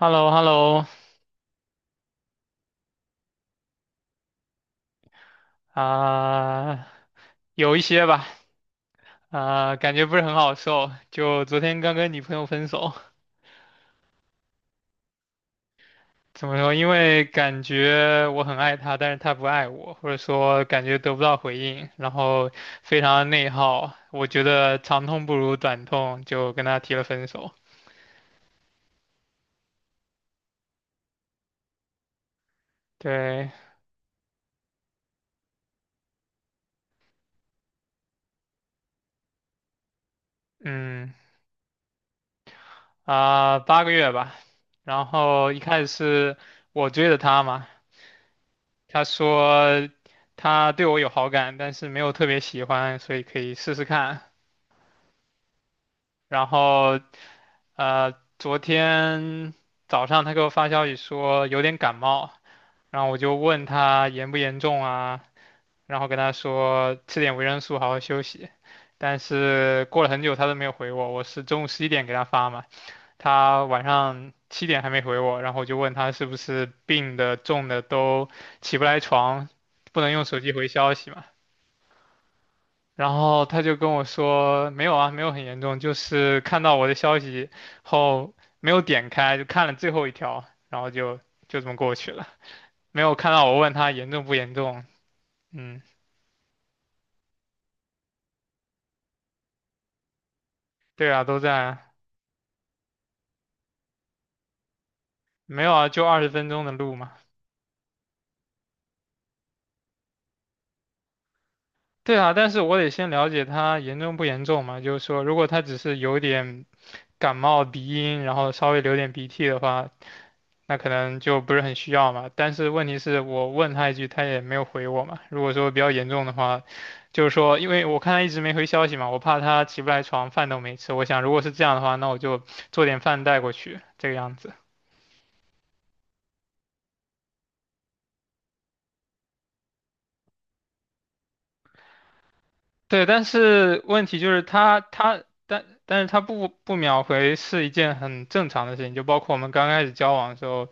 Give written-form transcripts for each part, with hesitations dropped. h e l l o h e l l o 啊，有一些吧，啊，感觉不是很好受。就昨天刚跟女朋友分手，怎么说？因为感觉我很爱她，但是她不爱我，或者说感觉得不到回应，然后非常内耗。我觉得长痛不如短痛，就跟她提了分手。对，嗯，啊，八个月吧。然后一开始是我追的她嘛，他说他对我有好感，但是没有特别喜欢，所以可以试试看。然后呃，昨天早上他给我发消息说有点感冒，然后我就问他严不严重啊，然后跟他说吃点维生素，好好休息。但是过了很久他都没有回我，我是中午十一点给他发嘛，他晚上七点还没回我，然后我就问他是不是病的重的都起不来床，不能用手机回消息嘛。然后他就跟我说，没有啊，没有很严重，就是看到我的消息后没有点开，就看了最后一条，然后就这么过去了，没有看到我问他严重不严重。嗯，对啊，都在，没有啊，就二十分钟的路嘛。对啊，但是我得先了解他严重不严重嘛，就是说如果他只是有点感冒、鼻音，然后稍微流点鼻涕的话，那可能就不是很需要嘛。但是问题是我问他一句，他也没有回我嘛。如果说比较严重的话，就是说，因为我看他一直没回消息嘛，我怕他起不来床，饭都没吃。我想如果是这样的话，那我就做点饭带过去，这个样子。对，但是问题就是他他但但是他不不秒回是一件很正常的事情，就包括我们刚开始交往的时候，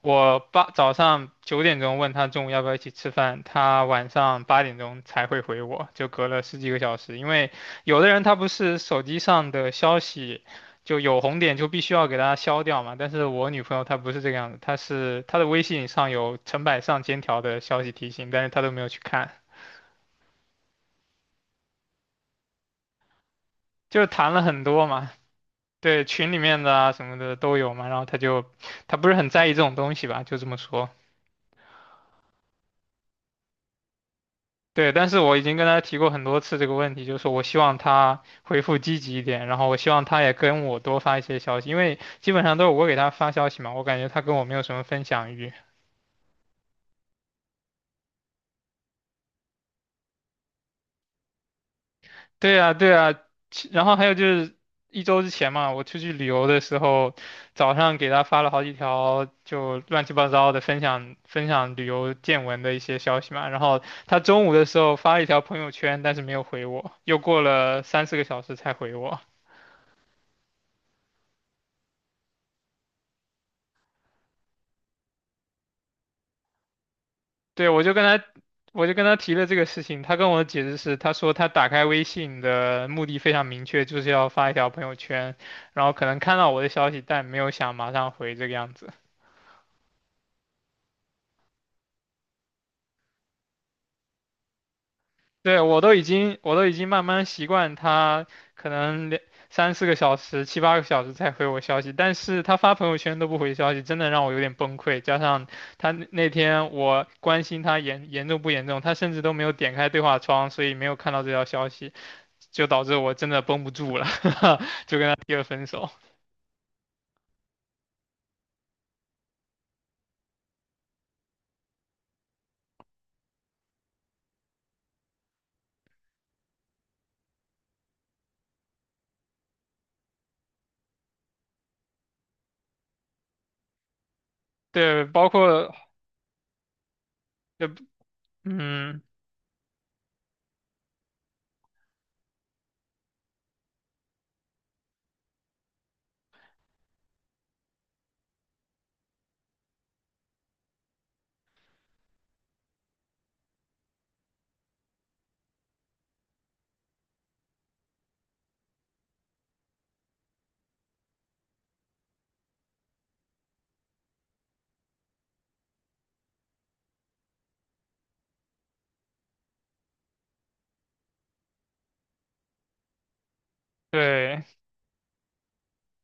我八早上九点钟问他中午要不要一起吃饭，他晚上八点钟才会回我，就隔了十几个小时。因为有的人他不是手机上的消息就有红点就必须要给他消掉嘛，但是我女朋友她不是这个样子，她是她的微信上有成百上千条的消息提醒，但是她都没有去看，就是谈了很多嘛。对群里面的啊什么的都有嘛，然后他就他不是很在意这种东西吧，就这么说。对，但是我已经跟他提过很多次这个问题，就是我希望他回复积极一点，然后我希望他也跟我多发一些消息，因为基本上都是我给他发消息嘛，我感觉他跟我没有什么分享欲。对呀，对呀，其然后还有就是一周之前嘛，我出去旅游的时候，早上给他发了好几条就乱七八糟的分享旅游见闻的一些消息嘛，然后他中午的时候发了一条朋友圈，但是没有回我，又过了三四个小时才回我。对，我就跟他，我就跟他提了这个事情，他跟我的解释是，他说他打开微信的目的非常明确，就是要发一条朋友圈，然后可能看到我的消息，但没有想马上回这个样子。对，我都已经慢慢习惯他可能两三四个小时、七八个小时才回我消息，但是他发朋友圈都不回消息，真的让我有点崩溃。加上他那天我关心他严重不严重，他甚至都没有点开对话窗，所以没有看到这条消息，就导致我真的绷不住了，就跟他提了分手。对，包括，呃嗯，对。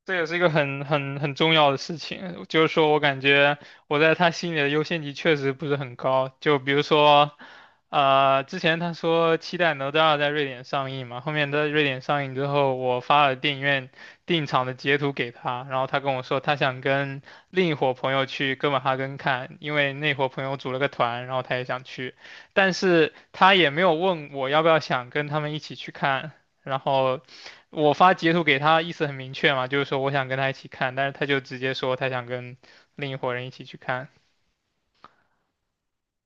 这也是一个很重要的事情，就是说我感觉我在他心里的优先级确实不是很高。就比如说，之前他说期待《哪吒二》在瑞典上映嘛，后面在瑞典上映之后，我发了电影院订场的截图给他，然后他跟我说他想跟另一伙朋友去哥本哈根看，因为那伙朋友组了个团，然后他也想去，但是他也没有问我要不要想跟他们一起去看，然后。我发截图给他，意思很明确嘛，就是说我想跟他一起看，但是他就直接说他想跟另一伙人一起去看，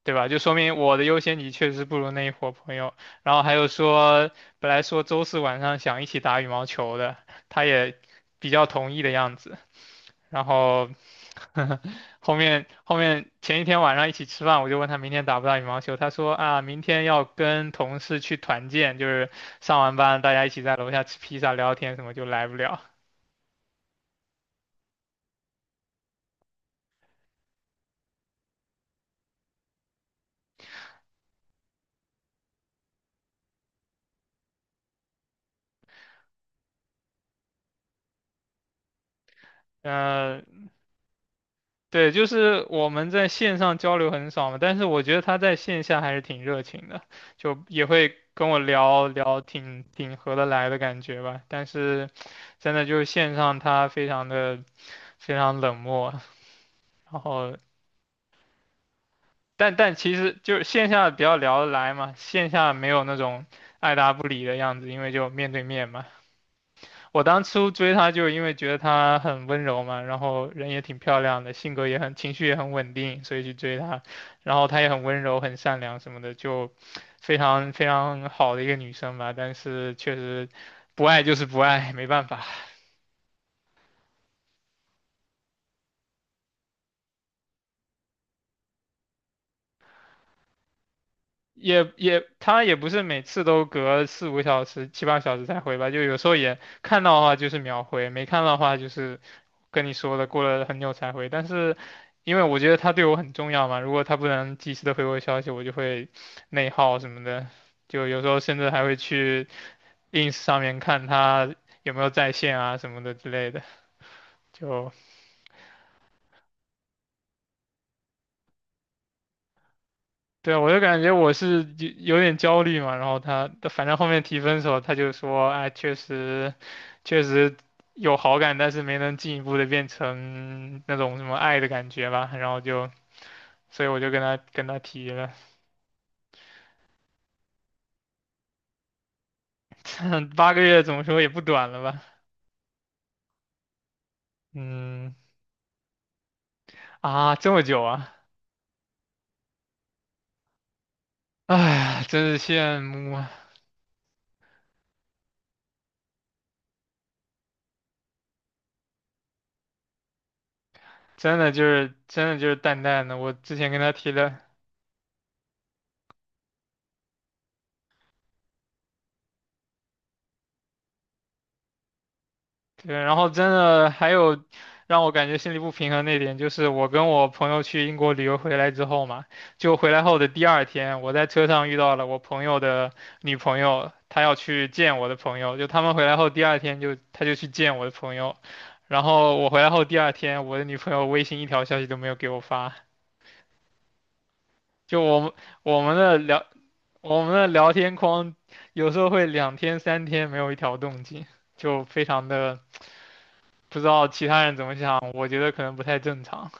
对吧？就说明我的优先级确实不如那一伙朋友。然后还有说，本来说周四晚上想一起打羽毛球的，他也比较同意的样子。然后 后面前一天晚上一起吃饭，我就问他明天打不打羽毛球，他说啊，明天要跟同事去团建，就是上完班大家一起在楼下吃披萨聊天什么，就来不了。嗯。对，就是我们在线上交流很少嘛，但是我觉得他在线下还是挺热情的，就也会跟我聊聊挺合得来的感觉吧。但是真的就是线上他非常冷漠，然后但其实就是线下比较聊得来嘛，线下没有那种爱答不理的样子，因为就面对面嘛。我当初追她就是因为觉得她很温柔嘛，然后人也挺漂亮的，性格也很，情绪也很稳定，所以去追她。然后她也很温柔、很善良什么的，就非常好的一个女生吧。但是确实不爱就是不爱，没办法。她也不是每次都隔四五小时、七八小时才回吧，就有时候也看到的话就是秒回，没看到的话就是跟你说了，过了很久才回，但是因为我觉得他对我很重要嘛，如果他不能及时的回我消息，我就会内耗什么的，就有时候甚至还会去 ins 上面看他有没有在线啊什么的之类的，就对啊，我就感觉我是有点焦虑嘛，然后他反正后面提分手，他就说，哎，确实。有好感，但是没能进一步的变成那种什么爱的感觉吧，然后就，所以我就跟他提了。八个月怎么说也不短了吧？嗯啊，这么久啊！哎呀，真是羡慕啊！真的就是淡淡的，我之前跟他提的，对，然后真的还有让我感觉心里不平衡那点，就是我跟我朋友去英国旅游回来之后嘛，就回来后的第二天，我在车上遇到了我朋友的女朋友，她要去见我的朋友，就他们回来后第二天就她就去见我的朋友，然后我回来后第二天，我的女朋友微信一条消息都没有给我发。就我们我们的聊我们的聊天框，有时候会两天三天没有一条动静，就非常的不知道其他人怎么想，我觉得可能不太正常。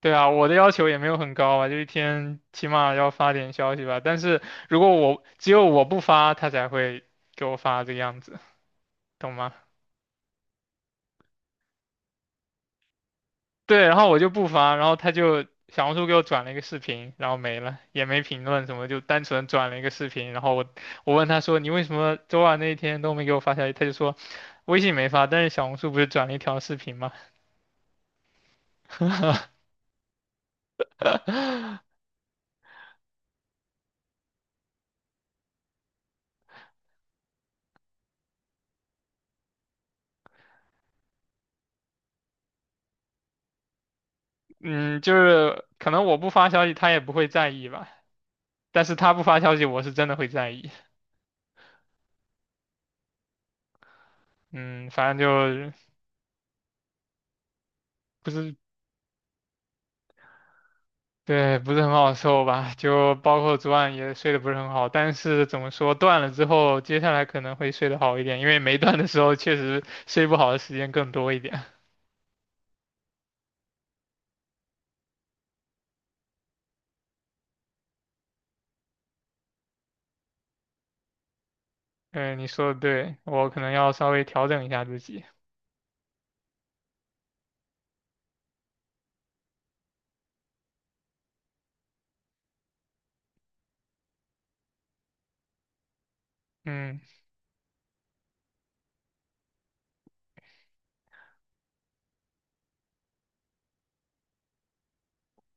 对啊，我的要求也没有很高吧，就一天起码要发点消息吧。但是如果我只有我不发，他才会给我发这个样子，懂吗？对，然后我就不发，然后他就小红书给我转了一个视频，然后没了，也没评论什么，就单纯转了一个视频。然后我问他说你为什么周二那一天都没给我发消息？他就说微信没发，但是小红书不是转了一条视频吗？嗯，就是可能我不发消息他也不会在意吧，但是他不发消息我是真的会在意。嗯，反正就不是对，不是很好受吧？就包括昨晚也睡得不是很好，但是怎么说，断了之后，接下来可能会睡得好一点，因为没断的时候确实睡不好的时间更多一点。嗯，你说的对，我可能要稍微调整一下自己。嗯，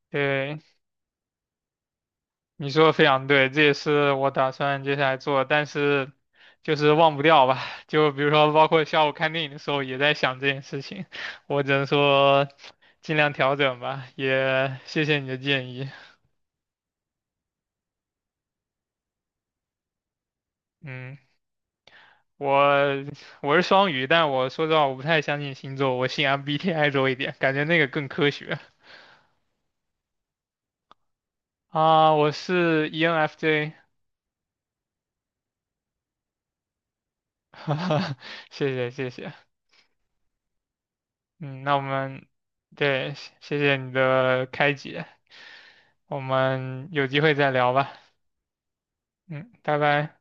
对，你说的非常对，这也是我打算接下来做，但是就是忘不掉吧。就比如说，包括下午看电影的时候也在想这件事情，我只能说尽量调整吧。也谢谢你的建议。嗯。我我是双鱼，但我说实话，我不太相信星座，我信 MBTI 多一点，感觉那个更科学啊。我是 ENFJ，哈哈，谢谢谢谢。嗯，那我们对，谢谢你的开解，我们有机会再聊吧。嗯，拜拜。